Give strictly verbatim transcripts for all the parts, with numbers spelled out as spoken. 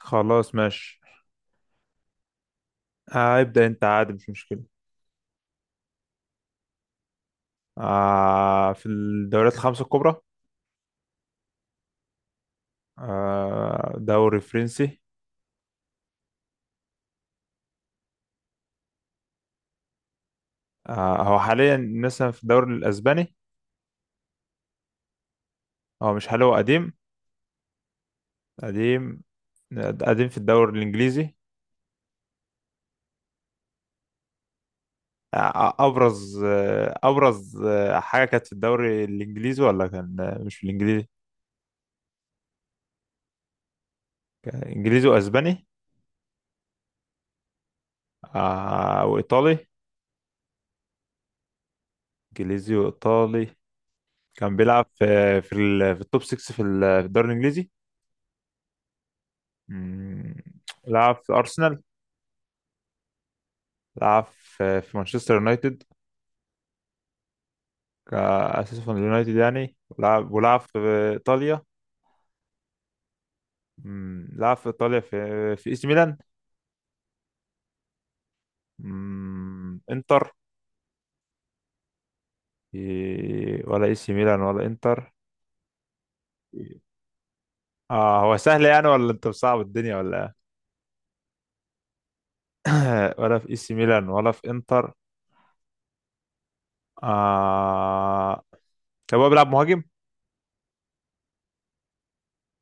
خلاص ماشي. آه، ابدأ انت، عادي مش مشكلة. آه، في الدوريات الخمسة الكبرى. آه، دوري فرنسي. آه، هو حاليا مثلا في الدوري الأسباني؟ هو مش حاليا، هو قديم. قديم. قديم في الدوري الإنجليزي. آه أبرز آه أبرز آه حاجة كانت في الدوري الإنجليزي، ولا كان آه، مش في الإنجليزي؟ كان إنجليزي وأسباني. آه، وإيطالي. إنجليزي وإيطالي. كان بيلعب في في, ال- في التوب ستة، في ال- في الدوري الإنجليزي. مم. لعب في أرسنال. لعب في في مانشستر يونايتد، كأساس في اليونايتد يعني. ولعب ولعب في إيطاليا. مم. لعب في إيطاليا في في إي سي ميلان. مم. إنتر. إيه، ولا إي سي ميلان ولا إنتر. اه هو سهل يعني، ولا أنت مصعب الدنيا ولا؟ إيه؟ ولا في إي سي ميلان ولا في إنتر؟ آه. طب هو بيلعب مهاجم؟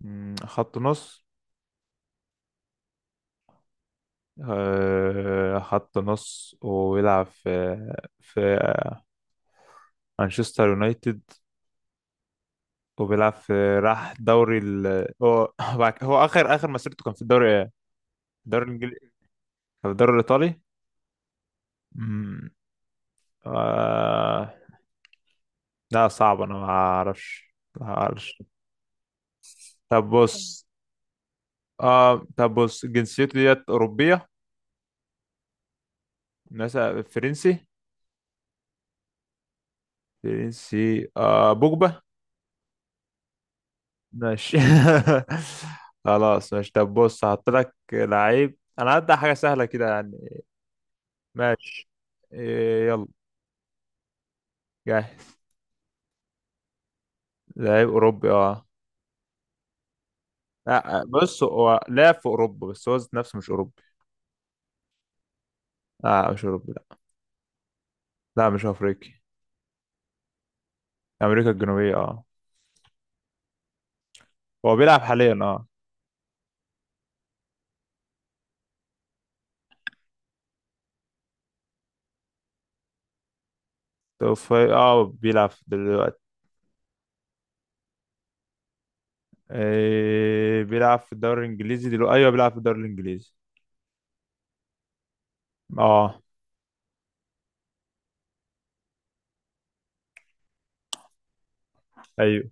مم. خط نص. آه، خط نص، ويلعب في، في، مانشستر يونايتد. وبيلعب في راح دوري ال هو هو هو اخر اخر مسيرته كان في الدوري. الدوري الانجليزي. في الدوري الايطالي. أمم. آه. لا صعب، انا ما اعرفش. ما اعرفش. طب بص. آه، طب بص، جنسيته ديت اوروبيه. ناس. فرنسي. فرنسي. آه، بوجبا. ماشي. خلاص ماشي، طب بص هحط لك لعيب، انا هبدأ حاجه سهله كده يعني. ماشي. إيه، يلا. جاهز. لعيب أوروبي، اه. لا بص هو لعب في أوروبا، بس هو ذات نفسه مش أوروبي. لا مش أوروبي، لا. لا مش أفريقي. أمريكا الجنوبية، اه. هو بيلعب حاليا، اه. طب في- اه بيلعب دلوقتي. إيه بيلعب في الدوري الإنجليزي دلوقتي، أيوه بيلعب في الدوري الإنجليزي. اه. أيوه.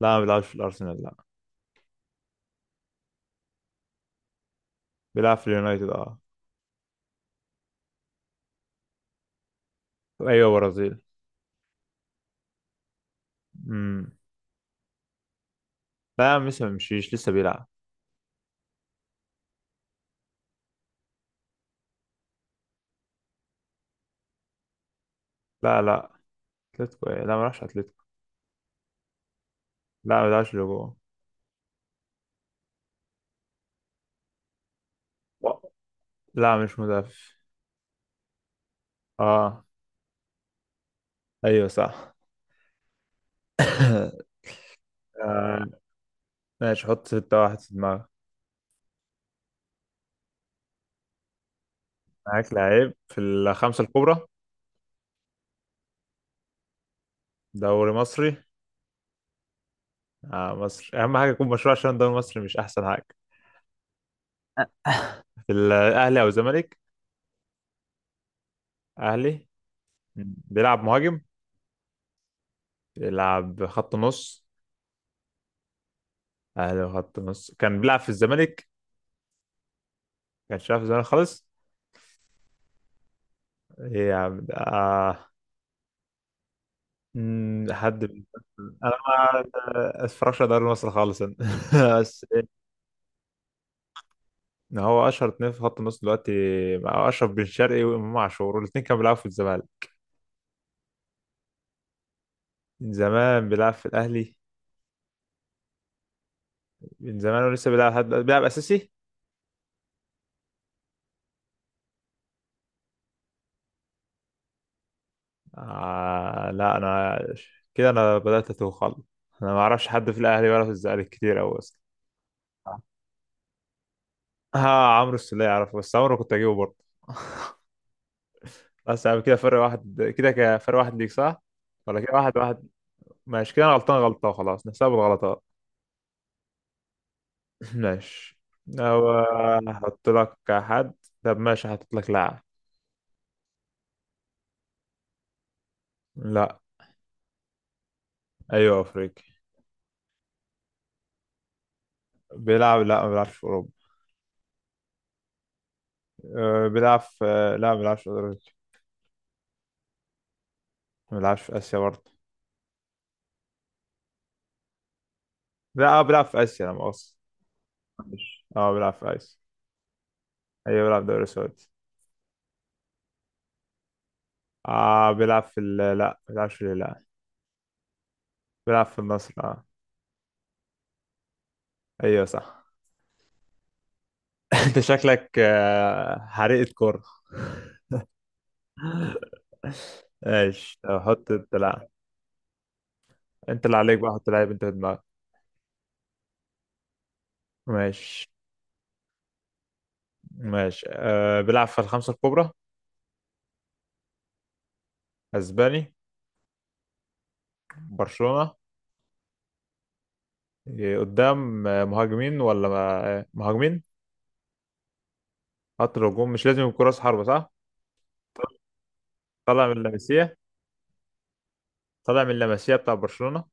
لا ما بيلعبش في الأرسنال، لا. بيلعب في اليونايتد، اه. أيوه، برازيل. امم. لا لسه ما مشيش، لسه بيلعب. لا لا. أتلتيكو إيه؟ لا، ما راحش أتلتيكو. لا ما بيلعبش لجوه. لا مش مدافع. اه. ايوه صح. آه، ماشي، حط ستة واحد في دماغك. معاك لعيب في الخمسة الكبرى. دوري مصري. آه مصر، أهم حاجة يكون مشروع عشان الدوري المصري مش أحسن حاجة. في الأهلي أو الزمالك. أهلي. بيلعب مهاجم. بيلعب خط نص. أهلي وخط نص، كان بيلعب في الزمالك. كانش بيلعب في الزمالك خالص؟ إيه يا عم ده؟ آه. مم، حد. أنا ما أتفرجش على دوري مصر خالص أنا. بس إن هو اشهر اتنين في خط النص دلوقتي، مع اشرف بن شرقي وامام عاشور، والاتنين كانوا بيلعبوا في الزمالك. من زمان بيلعب في الاهلي. من زمان ولسه بيلعب لحد دلوقتي. بيلعب اساسي. آه لا انا، كده انا بدات اتوه خالص. انا ما اعرفش حد في الاهلي ولا في الزمالك كتير قوي اصلا. ها. عمرو السولية اعرفه، بس عمرو كنت اجيبه برضه. بس يعني كده فرق واحد كده ك- فرق واحد ليك صح، ولا كده واحد واحد؟ ماشي كده انا غلطان غلطة، وخلاص نحسب الغلطات. ماشي. أو هحط لك حد. طب ماشي هحط لك لاعب. لا. أيوه أفريقي. بيلعب لا ما بيلعبش في أوروبا. أه، بيلعب في أه، لا ما بيلعبش في أوروبا. ما بيلعبش في آسيا برضه. لا آه، بيلعب في آسيا، لا مؤاخذة. معلش. أه بيلعب في آسيا. أيوه بيلعب دوري سعودي. آه بيلعب في ال... لا. ما بيلعبش في، لا. بيلعب في النصر، أه. أيوه صح. أنت شكلك آه، حريقة كورة. ماشي طب حط أنت لاعب. أنت اللي عليك بقى، حط لاعب أنت في دماغك. ماشي. ماشي أه بيلعب في الخمسة الكبرى. اسباني. برشلونة. إيه، قدام آه، مهاجمين ولا ما- آه، مهاجمين. خط الهجوم مش لازم يكون راس حربة صح؟ طالع من لاماسيا. طالع من لاماسيا بتاع برشلونة.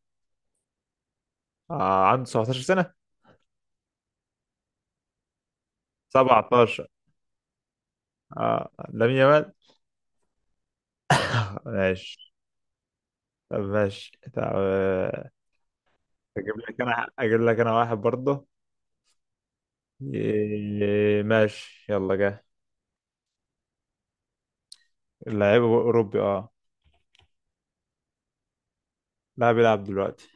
آه عنده سبعتاشر سنة. سبعة عشر. آه لامين يامال. ماشي. طب ماشي، طب آه، اجيب لك انا، اجيب لك انا واحد برضه. إيه، ماشي يلا جه. اللاعب اوروبي، اه. لا بيلعب دلوقتي.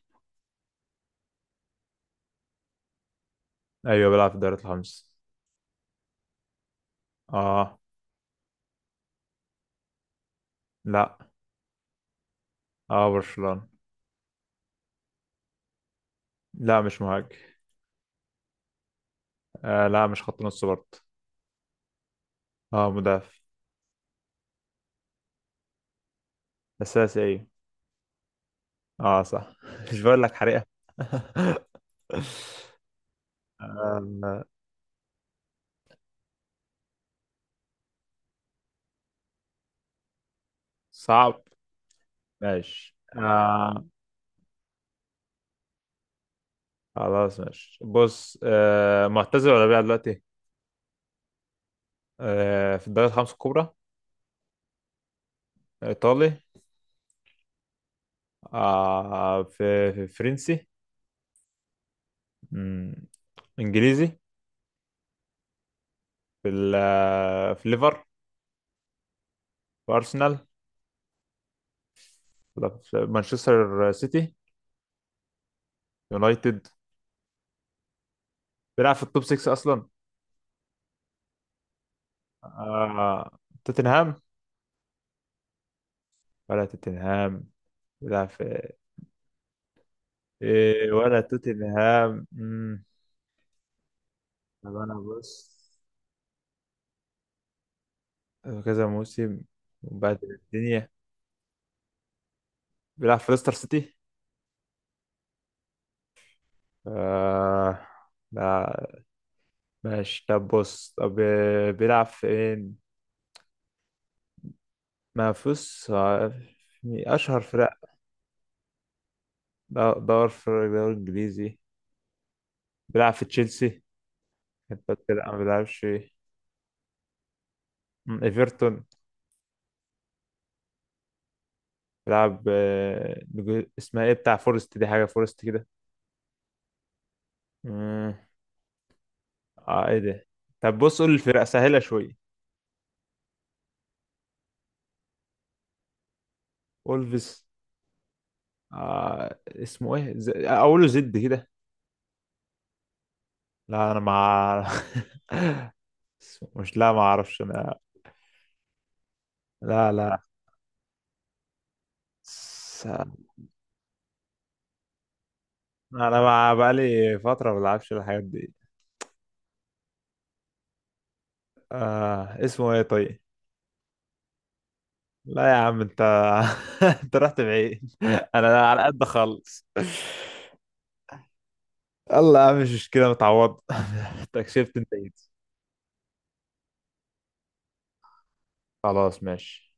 ايوه بيلعب في الدوري الخمس. اه. لا. اه برشلونة. لا مش مهاجم. آه لا مش خط نص برضه. اه مدافع. اساسي ايه. اه صح. مش بقول لك حريقة. آه، صعب. ماشي آه. خلاص ماشي بص، آه معتزل ولا بيلعب دلوقتي؟ آه في الدوري الخمسة الكبرى. ايطالي. آه في, في فرنسي. مم، انجليزي. في ال- آه، في ليفر في ارسنال، ولا في مانشستر سيتي؟ يونايتد. بيلعب في التوب ستة اصلا؟ آه. توتنهام. ولا توتنهام؟ بيلعب في. إيه، ولا توتنهام. مم. طب انا بص. آه، كذا موسم. وبعد الدنيا. بيلعب في ليستر سيتي. آه. لا. ماشي طب بص، طب آه، بيلعب فين؟ ما فيش آه، اشهر فرق. د- دور في الدوري الانجليزي. بيلعب في تشيلسي. كانت بتلعب- ما بيلعبش. مم، ايفرتون. بيلعب آه، اسمها ايه بتاع فورست دي، حاجه فورست كده. مم. اه ايه ده. طب بص قول الفرق سهلة شوية. اولفيس. آه اسمه ايه ز... اقوله زد كده. لا انا مع. اسمه- مش لا ما اعرفش انا. لا لا. س... انا مع بقالي فترة ما بلعبش الحاجات دي. آه اسمه ايه طيب. لا يا عم انت. انت رحت بعيد. انا على قد خالص. يلا يا عم مش مشكلة، متعوض. انت كسبت، انت جيت. خلاص ماشي.